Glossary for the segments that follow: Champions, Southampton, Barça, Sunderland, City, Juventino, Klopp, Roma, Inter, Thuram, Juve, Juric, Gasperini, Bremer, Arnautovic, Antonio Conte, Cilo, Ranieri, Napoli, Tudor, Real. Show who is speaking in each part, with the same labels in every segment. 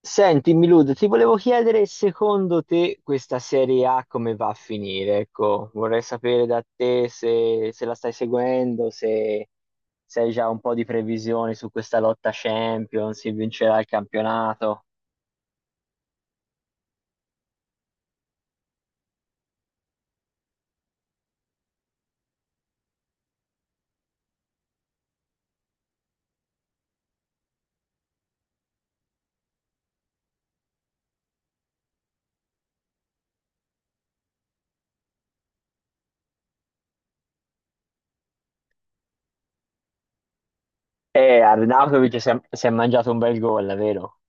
Speaker 1: Senti, Milud, ti volevo chiedere secondo te questa Serie A come va a finire? Ecco, vorrei sapere da te se la stai seguendo, se hai già un po' di previsioni su questa lotta Champions, se vincerà il campionato. Arnautovic si è mangiato un bel gol, vero?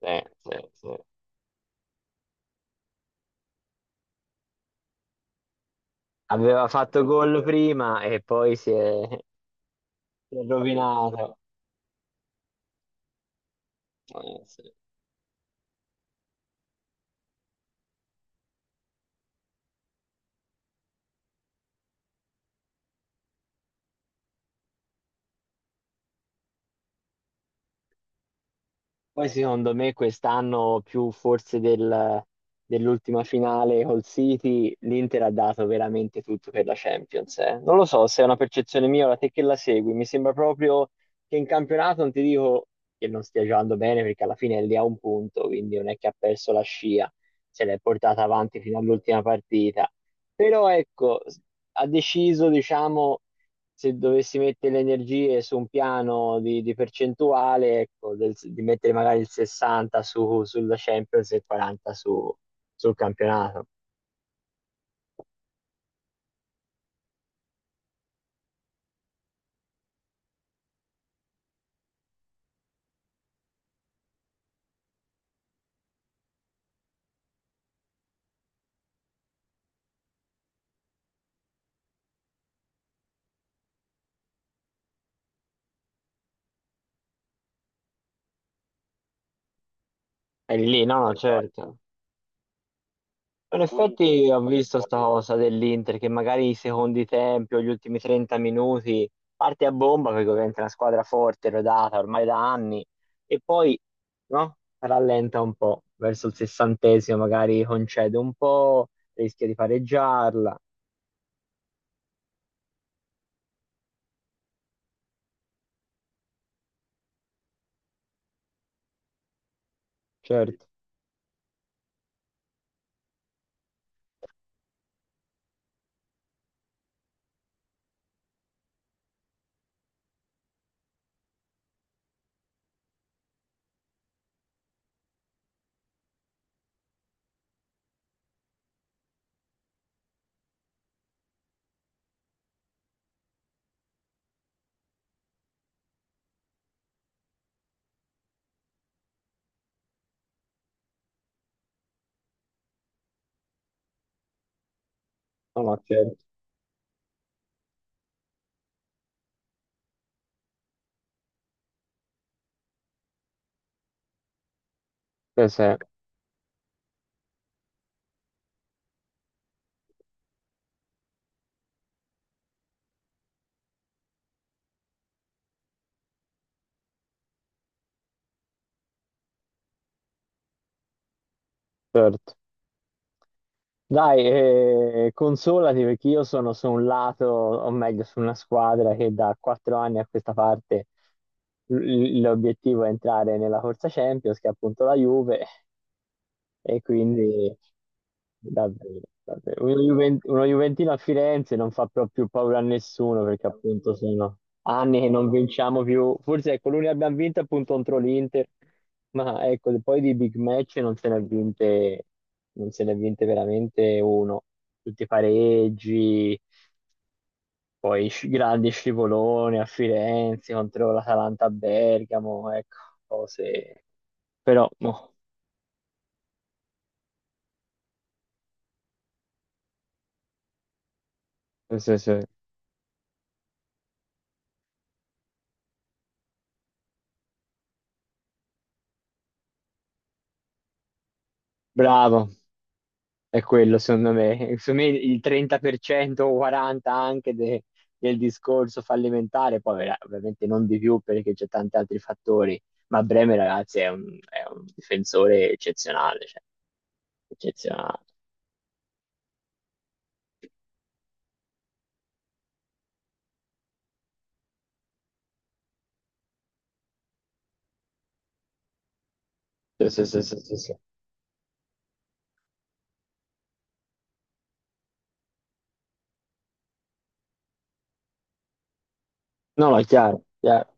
Speaker 1: Sì, sì, sì. Aveva fatto brutto gol. Prima e poi si è Ha vinto. Rovinato. Sì. Poi secondo me quest'anno più forse dell'ultima finale col City, l'Inter ha dato veramente tutto per la Champions, non lo so se è una percezione mia, ora te che la segui, mi sembra proprio che in campionato non ti dico che non stia giocando bene perché alla fine è lì a un punto, quindi non è che ha perso la scia, se l'è portata avanti fino all'ultima partita. Però ecco, ha deciso, diciamo, se dovessi mettere le energie su un piano di percentuale, ecco, di mettere magari il 60 sulla Champions e il 40 sul campionato. È lì, no, no, esatto, certo. In Quindi effetti ho visto sta proprio cosa dell'Inter che magari i secondi tempi o gli ultimi 30 minuti parte a bomba perché ovviamente è una squadra forte, rodata ormai da anni e poi no, rallenta un po' verso il sessantesimo, magari concede un po', rischia di pareggiarla. Certo, no, no, certo, eh sì, certo. Dai, consolati perché io sono su un lato, o meglio, su una squadra che da 4 anni a questa parte l'obiettivo è entrare nella corsa Champions, che è appunto la Juve, e quindi davvero, davvero. Uno Juventino a Firenze non fa proprio paura a nessuno perché appunto sono anni che non vinciamo più. Forse ecco, l'unica che abbiamo vinto è appunto contro l'Inter, ma ecco, poi di big match non se ne è vinte veramente uno. Tutti i pareggi, poi grandi scivoloni a Firenze contro l'Atalanta a Bergamo, ecco, cose. Però, no, sì, sì. Bravo. È quello, secondo me. Secondo me il 30% o 40% anche del discorso fallimentare, poi ovviamente non di più perché c'è tanti altri fattori, ma Bremer, ragazzi, è un difensore eccezionale, cioè, eccezionale. Sì, sì, sì, sì, sì, sì. No, no, è chiaro, chiaro.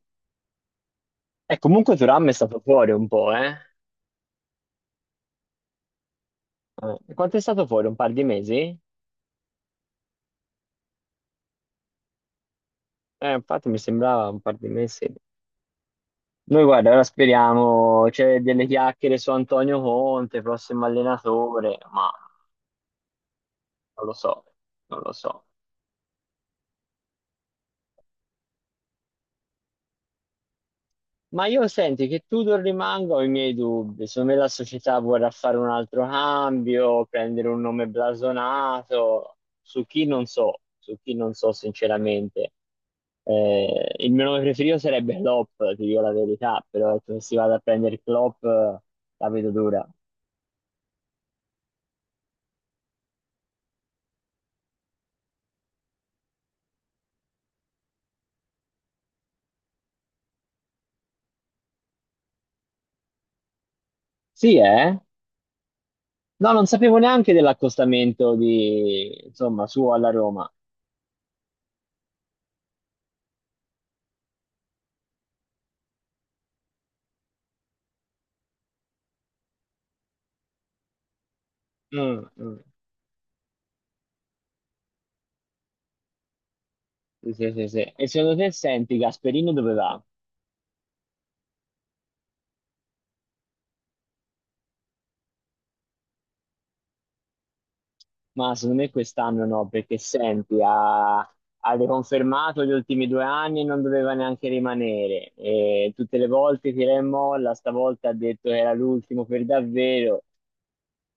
Speaker 1: E comunque Thuram è stato fuori un po', eh? Quanto è stato fuori? Un par di mesi? Infatti mi sembrava un par di mesi. Noi guarda, ora speriamo, c'è delle chiacchiere su Antonio Conte, prossimo allenatore, ma non lo so, non lo so. Ma io senti che Tudor rimanga ho i miei dubbi. Secondo me la società vorrà fare un altro cambio, prendere un nome blasonato. Su chi non so sinceramente. Il mio nome preferito sarebbe Klopp, ti dico la verità, però ecco, se si vada a prendere Klopp la vedo dura. Sì, eh? No, non sapevo neanche dell'accostamento di, insomma, suo alla Roma. Mm, mm. Sì, sì, sì, sì. E secondo te, senti, Gasperino dove va? Ma secondo me quest'anno no, perché senti, ha riconfermato gli ultimi 2 anni e non doveva neanche rimanere. E tutte le volte tira e molla, stavolta ha detto che era l'ultimo per davvero.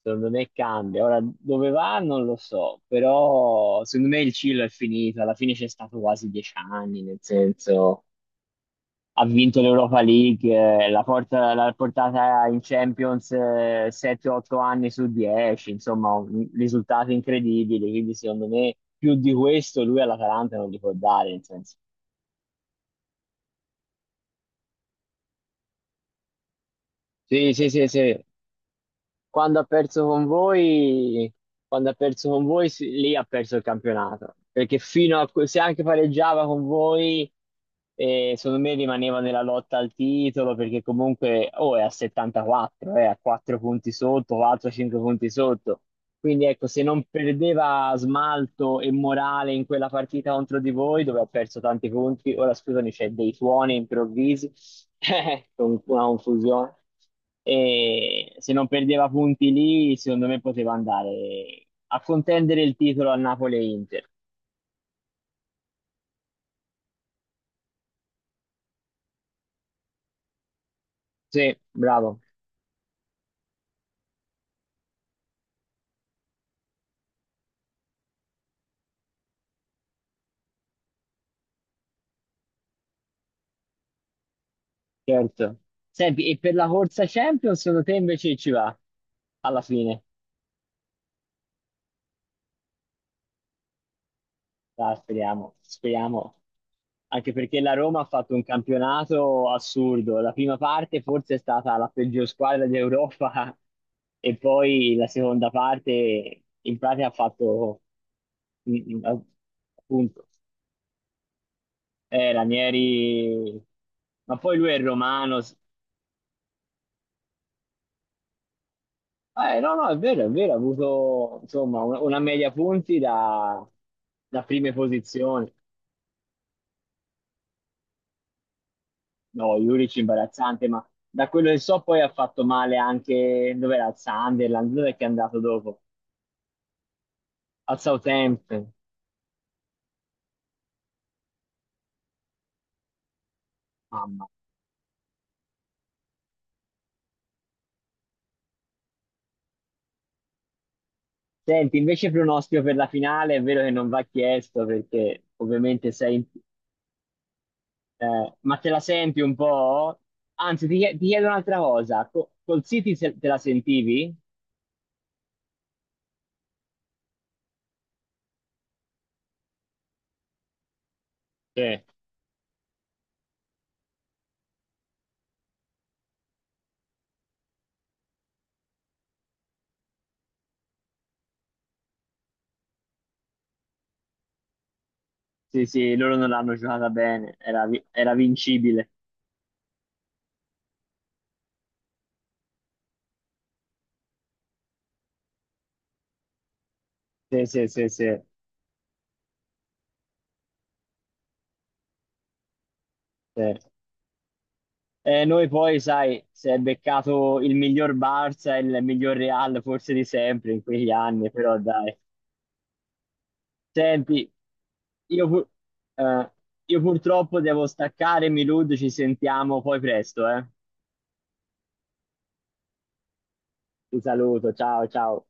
Speaker 1: Secondo me cambia. Ora, dove va non lo so, però secondo me il Cilo è finito. Alla fine c'è stato quasi 10 anni, nel senso ha vinto l'Europa League, la l'ha portata in Champions 7-8 anni su 10, insomma, risultati incredibili, quindi secondo me più di questo lui all'Atalanta non gli può dare, nel senso. Sì, sì, sì, sì, Quando ha perso con voi, quando ha perso con voi, sì, lì ha perso il campionato. Perché fino a, se anche pareggiava con voi, secondo me rimaneva nella lotta al titolo, perché comunque, oh, è a 74, è a 4 punti sotto, 4-5 punti sotto. Quindi ecco, se non perdeva smalto e morale in quella partita contro di voi, dove ho perso tanti punti, ora scusami, c'è dei suoni improvvisi, con una confusione. E se non perdeva punti lì, secondo me poteva andare a contendere il titolo a Napoli e Inter. Sì, bravo, certo. Senti, e per la corsa Champions, secondo te invece ci va alla fine? Dai, speriamo, speriamo. Anche perché la Roma ha fatto un campionato assurdo. La prima parte forse è stata la peggior squadra d'Europa e poi la seconda parte in pratica ha fatto mm, mm, oh, appunto Ranieri, ma poi lui è romano. No, no, è vero, ha avuto insomma una media punti da, da prime posizioni. No, Juric imbarazzante, ma da quello che so poi ha fatto male anche, dov'era? Al Sunderland, dov'è che è andato dopo? Al Southampton, mamma. Senti, invece pronostico per la finale, è vero che non va chiesto perché ovviamente sei... ma te la senti un po'? Anzi, ti chiedo un'altra cosa, col City te la sentivi? Sì, sì, sì, loro non l'hanno giocata bene, era, era vincibile. Sì, sì, sì, sì, sì. Noi poi, sai, si è beccato il miglior Barça e il miglior Real forse di sempre in quegli anni, però dai. Senti, io, eh, io purtroppo devo staccare, Milud, ci sentiamo poi presto, eh. Ti saluto, ciao, ciao.